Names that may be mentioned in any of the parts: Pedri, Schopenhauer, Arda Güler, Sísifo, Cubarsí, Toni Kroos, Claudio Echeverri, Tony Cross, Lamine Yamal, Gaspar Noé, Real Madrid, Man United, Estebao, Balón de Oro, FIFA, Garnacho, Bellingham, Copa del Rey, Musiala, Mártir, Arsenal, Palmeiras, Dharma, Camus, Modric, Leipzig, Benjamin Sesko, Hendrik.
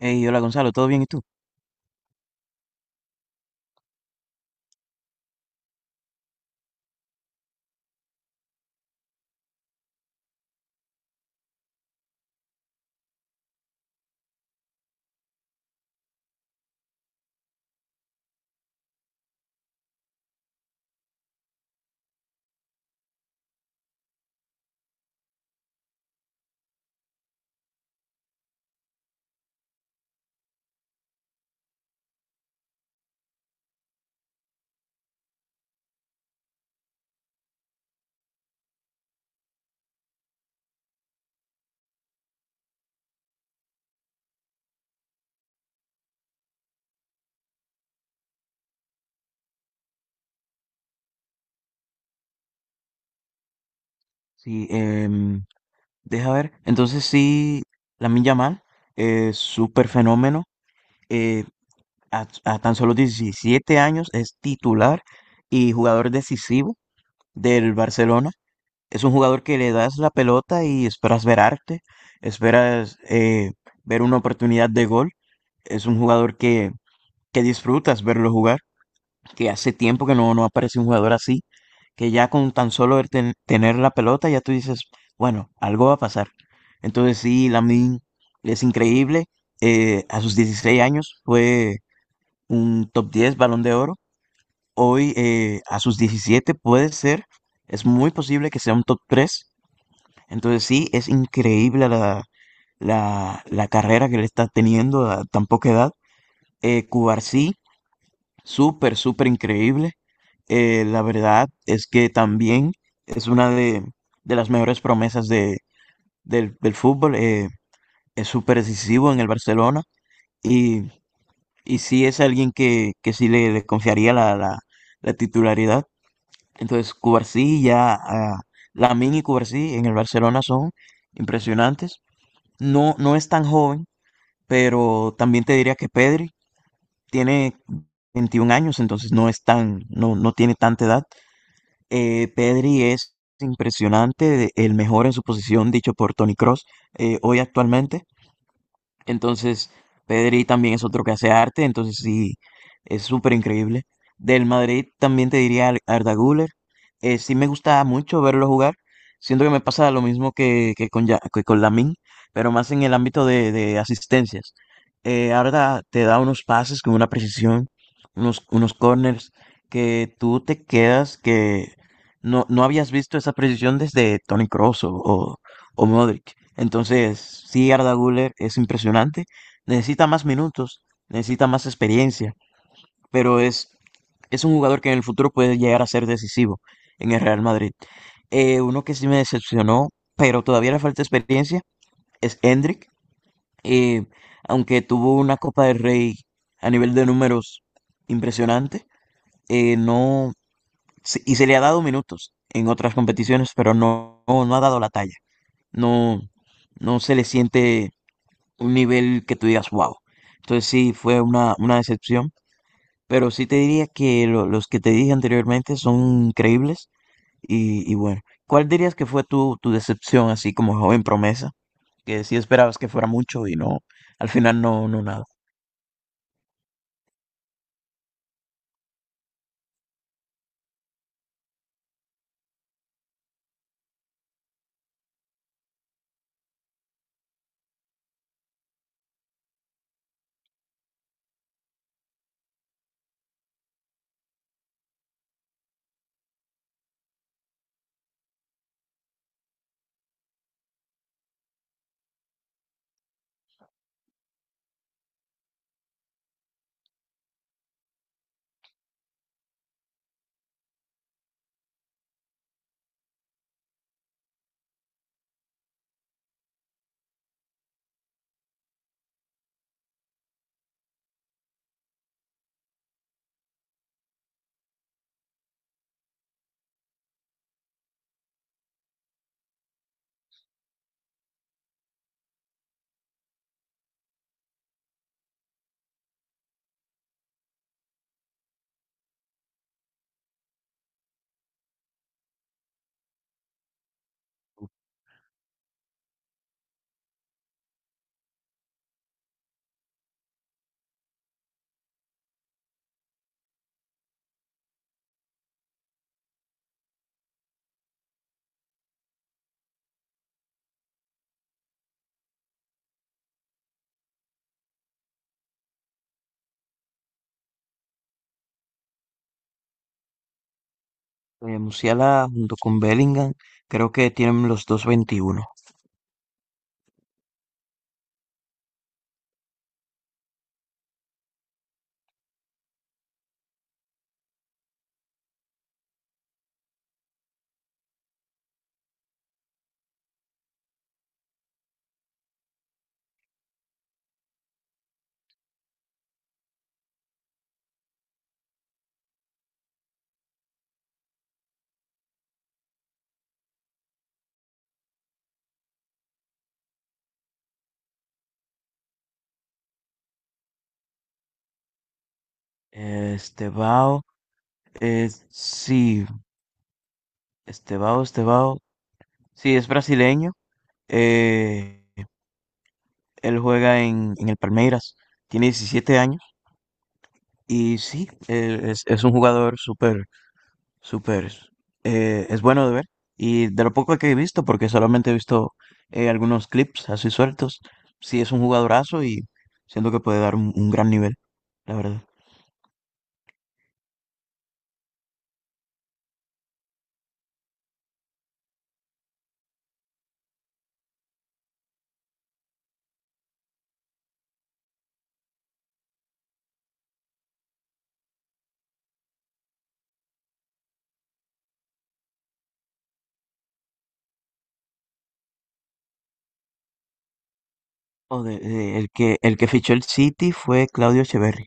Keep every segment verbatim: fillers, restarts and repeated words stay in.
Hey, hola Gonzalo, ¿todo bien y tú? Sí, em, deja ver. Entonces sí, Lamine Yamal, es súper fenómeno. eh, a, a tan solo diecisiete años es titular y jugador decisivo del Barcelona. Es un jugador que le das la pelota y esperas ver arte, esperas eh, ver una oportunidad de gol. Es un jugador que, que disfrutas verlo jugar. Que hace tiempo que no, no aparece un jugador así, que ya con tan solo el ten- tener la pelota, ya tú dices, bueno, algo va a pasar. Entonces sí, Lamine es increíble. Eh, a sus dieciséis años fue un top diez Balón de Oro. Hoy eh, a sus diecisiete puede ser, es muy posible que sea un top tres. Entonces sí, es increíble la, la, la carrera que le está teniendo a tan poca edad. Eh, Cubarsí, súper, súper increíble. Eh, la verdad es que también es una de, de las mejores promesas de, del, del fútbol. Eh, es súper decisivo en el Barcelona y, y sí es alguien que, que sí le, le confiaría la, la, la titularidad. Entonces, Cubarsí ya, ah, Lamine y Cubarsí en el Barcelona son impresionantes. No, no es tan joven, pero también te diría que Pedri tiene veintiún años, entonces no es tan, no, no tiene tanta edad. Eh, Pedri es impresionante, de- el mejor en su posición dicho por Tony Cross hoy actualmente. Entonces, Pedri también es otro que hace arte, entonces sí, es súper increíble. Del Madrid también te diría Ar- Arda Güler. Eh, sí me gusta mucho verlo jugar. Siento que me pasa lo mismo que, que con, Ya- que con Lamine, pero más en el ámbito de, de asistencias. Eh, Arda te da unos pases con una precisión, unos, unos corners, que tú te quedas que no, no habías visto esa precisión desde Toni Kroos o, o o Modric. Entonces, sí, Arda Güler es impresionante. Necesita más minutos, necesita más experiencia, pero es, es un jugador que en el futuro puede llegar a ser decisivo en el Real Madrid. Eh, uno que sí me decepcionó, pero todavía le falta experiencia, es Hendrik. Eh, aunque tuvo una Copa del Rey a nivel de números impresionante, eh, no, se- y se le ha dado minutos en otras competiciones, pero no, no, no ha dado la talla. No, no se le siente un nivel que tú digas, wow. Entonces sí, fue una, una decepción, pero sí te diría que lo- los que te dije anteriormente son creíbles y, y bueno, ¿cuál dirías que fue tu, tu decepción así como joven promesa? Que sí esperabas que fuera mucho y no, al final no, no nada. Eh, Musiala junto con Bellingham, creo que tienen los dos veintiuno. Eh, Estebao, eh, sí, Estebao, Estebao, sí, es brasileño. eh, Él juega en, en el Palmeiras, tiene diecisiete años y sí, él es, es un jugador súper, súper, eh, es bueno de ver. Y de lo poco que he visto, porque solamente he visto eh, algunos clips así sueltos, sí es un jugadorazo y siento que puede dar un un gran nivel, la verdad. O de- de- el que, el que fichó el City fue Claudio Echeverri,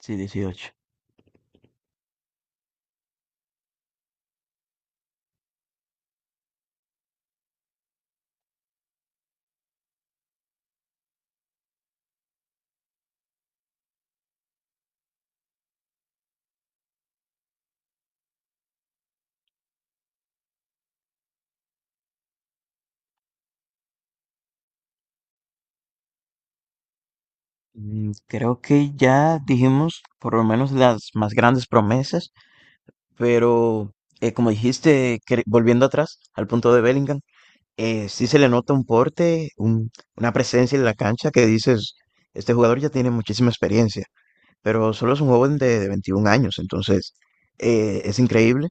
sí, dieciocho. Mm, creo que ya dijimos por lo menos las más grandes promesas, pero eh, como dijiste, cre- volviendo atrás al punto de Bellingham, eh, sí se le nota un porte, un- una presencia en la cancha que dices, este jugador ya tiene muchísima experiencia, pero solo es un joven de, de veintiún años, entonces eh, es increíble.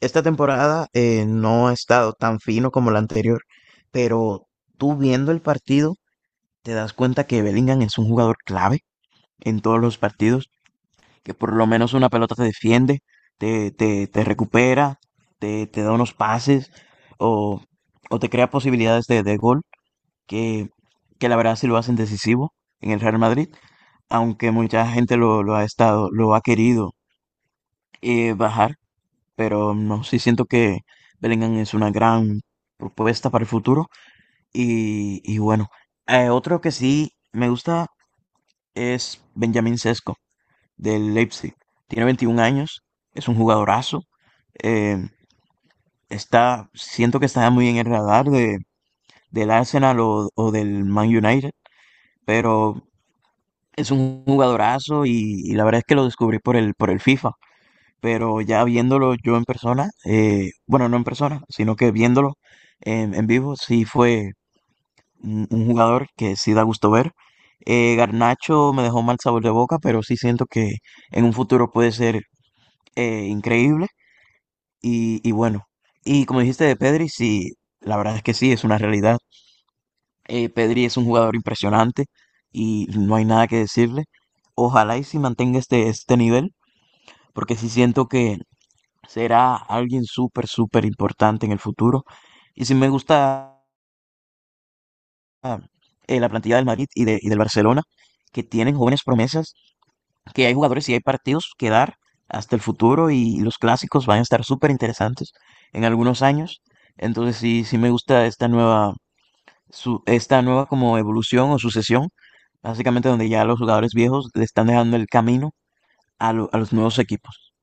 Esta temporada eh, no ha estado tan fino como la anterior, pero tú viendo el partido te das cuenta que Bellingham es un jugador clave en todos los partidos, que por lo menos una pelota te defiende, te, te, te recupera, te, te da unos pases o, o te crea posibilidades de, de gol, que, que la verdad sí lo hacen decisivo en el Real Madrid, aunque mucha gente lo, lo ha estado, lo ha querido eh, bajar. Pero no, sí siento que Bellingham es una gran propuesta para el futuro. Y, y bueno, eh, otro que sí me gusta es Benjamin Sesko del Leipzig. Tiene veintiún años, es un jugadorazo. Eh, está, siento que está muy en el radar de, del Arsenal o, o del Man United, pero es un jugadorazo y, y la verdad es que lo descubrí por el, por el FIFA. Pero ya viéndolo yo en persona, eh, bueno, no en persona, sino que viéndolo en, en vivo, sí fue un, un jugador que sí da gusto ver. Eh, Garnacho me dejó mal sabor de boca, pero sí siento que en un futuro puede ser eh, increíble y, y bueno. Y como dijiste de Pedri, sí, la verdad es que sí, es una realidad. Eh, Pedri es un jugador impresionante y no hay nada que decirle. Ojalá y si mantenga este, este nivel, porque sí siento que será alguien súper, súper importante en el futuro. Y si me gusta ah, eh, la plantilla del Madrid y, de- y del Barcelona, que tienen jóvenes promesas, que hay jugadores y hay partidos que dar hasta el futuro y los clásicos van a estar súper interesantes en algunos años. Entonces sí, sí me gusta esta nueva, su- esta nueva como evolución o sucesión, básicamente donde ya los jugadores viejos le están dejando el camino a, lo- a los nuevos equipos.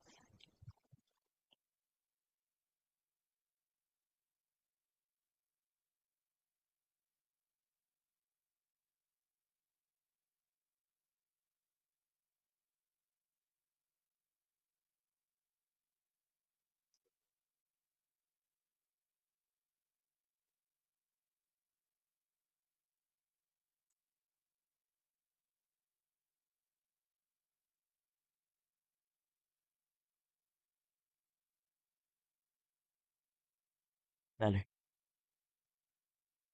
Dale.